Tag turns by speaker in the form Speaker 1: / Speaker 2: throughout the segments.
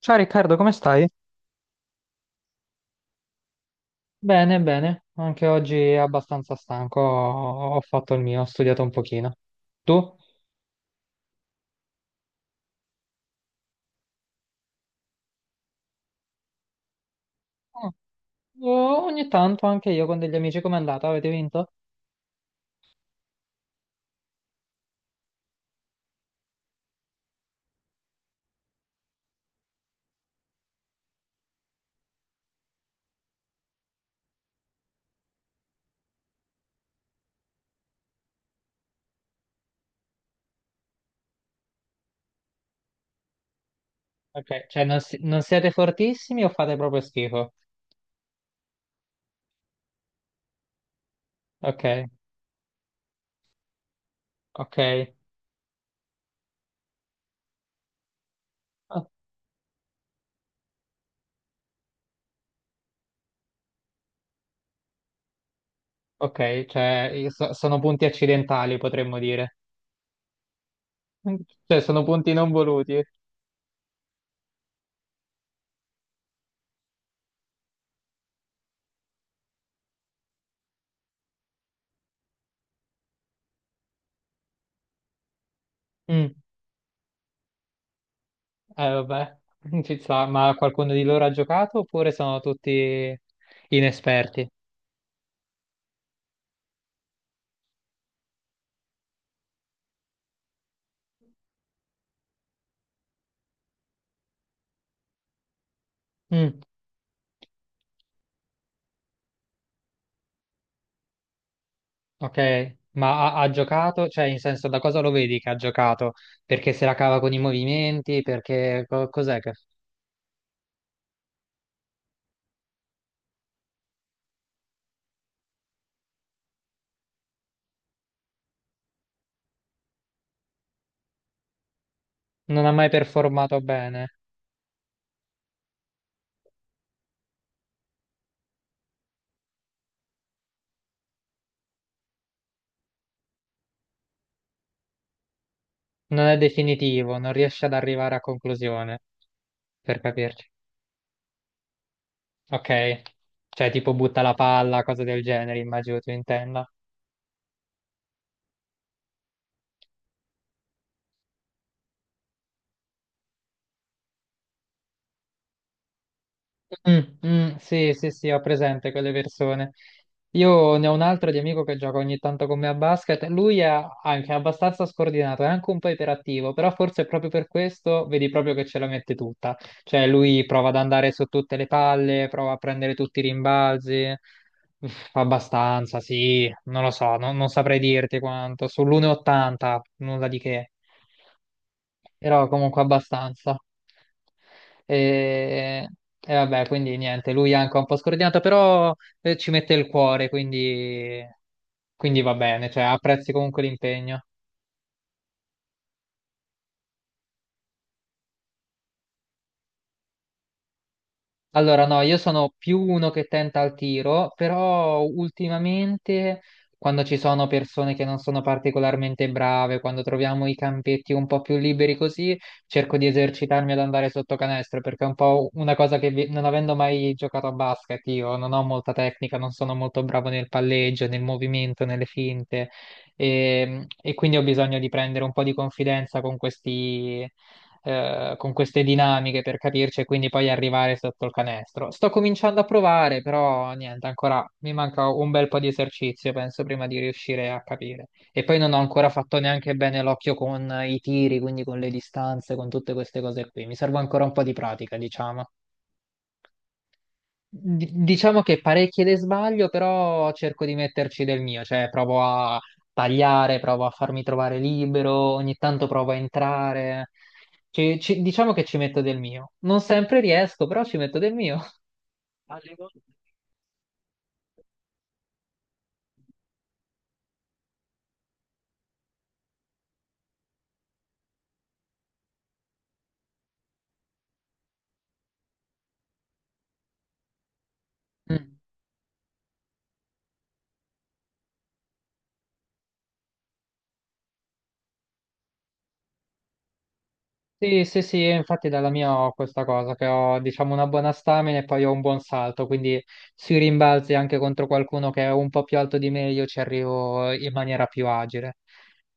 Speaker 1: Ciao Riccardo, come stai? Bene, bene, anche oggi è abbastanza stanco, ho fatto il mio, ho studiato un pochino. Tu? Oh, Oh, ogni tanto anche io con degli amici, com'è andata? Avete vinto? Ok, cioè non siete fortissimi o fate proprio schifo? Ok, ok. Ah, ok, cioè io sono punti accidentali potremmo dire, cioè sono punti non voluti. Mm, eh vabbè, ci sta, ma qualcuno di loro ha giocato oppure sono tutti inesperti? Mm. Ok, ma ha giocato, cioè in senso da cosa lo vedi che ha giocato? Perché se la cava con i movimenti, perché cos'è che non ha mai performato bene? Non è definitivo, non riesce ad arrivare a conclusione, per capirci. Ok, cioè tipo butta la palla, cose del genere, immagino tu intenda. Mm, mm, sì, sì, sì, ho presente quelle persone. Io ne ho un altro di amico che gioca ogni tanto con me a basket. Lui è anche abbastanza scordinato, è anche un po' iperattivo, però forse proprio per questo vedi proprio che ce la mette tutta. Cioè, lui prova ad andare su tutte le palle, prova a prendere tutti i rimbalzi. Uff, abbastanza, sì, non lo so, non saprei dirti quanto. Sull'1,80, nulla di che. Però comunque abbastanza. E, e vabbè, quindi niente, lui è anche un po' scordinato, però ci mette il cuore, quindi, quindi va bene, cioè apprezzi comunque l'impegno. Allora, no, io sono più uno che tenta al tiro, però ultimamente quando ci sono persone che non sono particolarmente brave, quando troviamo i campetti un po' più liberi così, cerco di esercitarmi ad andare sotto canestro, perché è un po' una cosa che non avendo mai giocato a basket, io non ho molta tecnica, non sono molto bravo nel palleggio, nel movimento, nelle finte, e quindi ho bisogno di prendere un po' di confidenza con questi con queste dinamiche per capirci e quindi poi arrivare sotto il canestro. Sto cominciando a provare, però niente, ancora mi manca un bel po' di esercizio, penso, prima di riuscire a capire. E poi non ho ancora fatto neanche bene l'occhio con i tiri, quindi con le distanze, con tutte queste cose qui. Mi serve ancora un po' di pratica, diciamo. Diciamo che parecchie le sbaglio, però cerco di metterci del mio, cioè provo a tagliare, provo a farmi trovare libero, ogni tanto provo a entrare. Diciamo che ci metto del mio. Non sempre riesco, però ci metto del mio. Alle volte. Mm. Sì, sì, sì, io infatti dalla mia ho questa cosa, che ho diciamo una buona stamina e poi ho un buon salto, quindi sui rimbalzi anche contro qualcuno che è un po' più alto di me io ci arrivo in maniera più agile,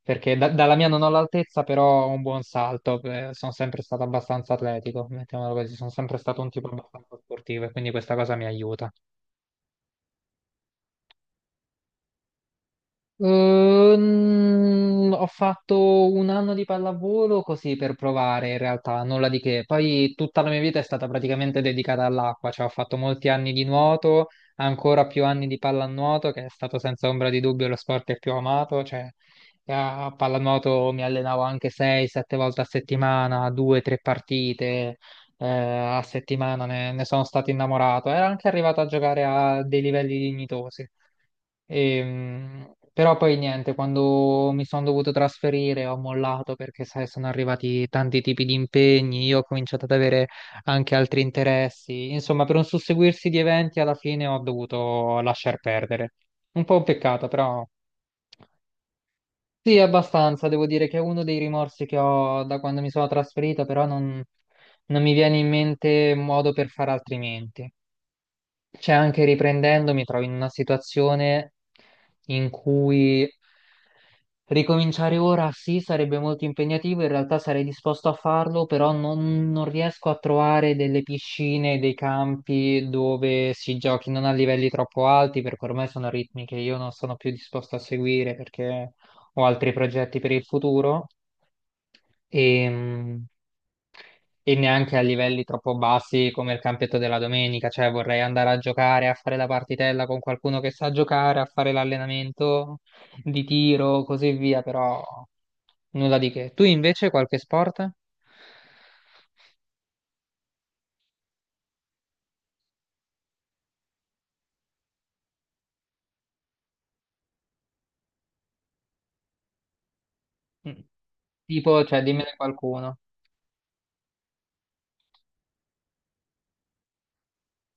Speaker 1: perché dalla mia non ho l'altezza, però ho un buon salto, sono sempre stato abbastanza atletico, mettiamolo così, sono sempre stato un tipo abbastanza sportivo e quindi questa cosa mi aiuta. Ho fatto un anno di pallavolo così per provare, in realtà, nulla di che. Poi tutta la mia vita è stata praticamente dedicata all'acqua, cioè ho fatto molti anni di nuoto, ancora più anni di pallanuoto, che è stato senza ombra di dubbio lo sport che più ho amato, cioè a pallanuoto mi allenavo anche 6-7 volte a settimana, 2-3 partite. A settimana ne sono stato innamorato. Era anche arrivato a giocare a dei livelli dignitosi. Però poi niente, quando mi sono dovuto trasferire ho mollato perché sai, sono arrivati tanti tipi di impegni, io ho cominciato ad avere anche altri interessi. Insomma, per un susseguirsi di eventi alla fine ho dovuto lasciar perdere. Un po' un peccato, però sì, abbastanza. Devo dire che è uno dei rimorsi che ho da quando mi sono trasferito, però non mi viene in mente un modo per fare altrimenti. Cioè, anche riprendendo, mi trovo in una situazione in cui ricominciare ora sì, sarebbe molto impegnativo, in realtà sarei disposto a farlo, però non riesco a trovare delle piscine, dei campi dove si giochi non a livelli troppo alti, perché ormai sono ritmi che io non sono più disposto a seguire perché ho altri progetti per il futuro e, e neanche a livelli troppo bassi come il campetto della domenica, cioè vorrei andare a giocare, a fare la partitella con qualcuno che sa giocare, a fare l'allenamento di tiro, così via, però... Nulla di che. Tu invece qualche sport? Mm. Tipo, cioè, dimmene qualcuno.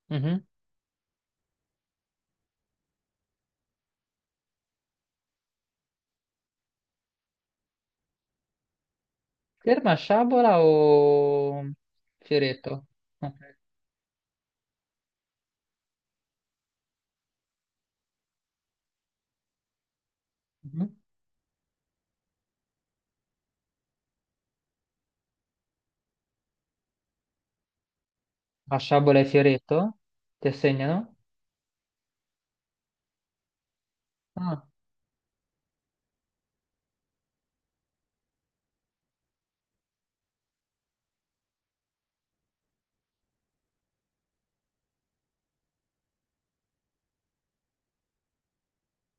Speaker 1: Mhm. Ferma a sciabola o fioretto? Ok. Mhm. A sciabola e fioretto? Ti assegnano? Ah,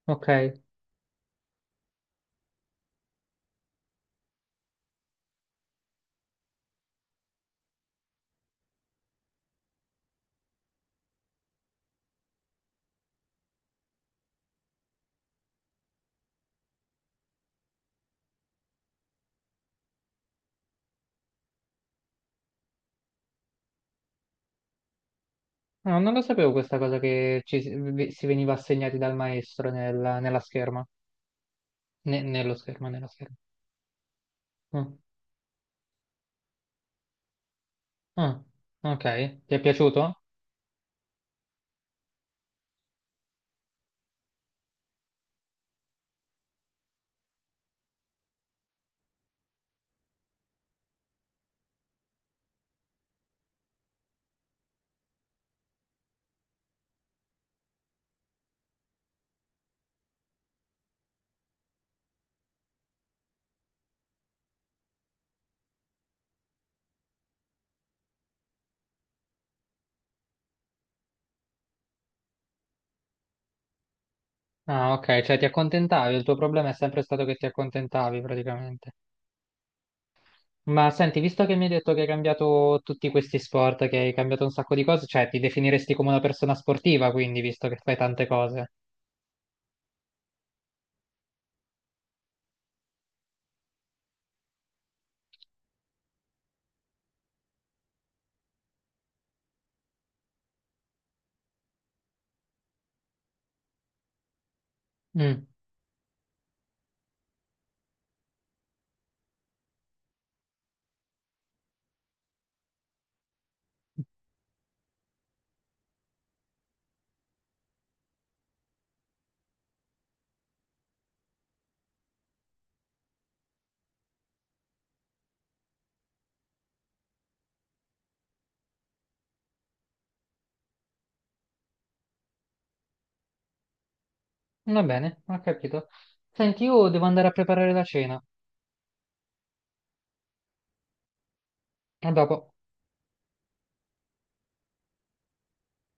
Speaker 1: ok. No, non lo sapevo questa cosa che ci si si veniva assegnati dal maestro nella scherma. Nello schermo. Mm. Ah, ok. Ti è piaciuto? Ah, ok, cioè ti accontentavi, il tuo problema è sempre stato che ti accontentavi praticamente. Ma senti, visto che mi hai detto che hai cambiato tutti questi sport, che hai cambiato un sacco di cose, cioè ti definiresti come una persona sportiva, quindi, visto che fai tante cose. Mm, va bene, ho capito. Senti, io devo andare a preparare la cena. A dopo.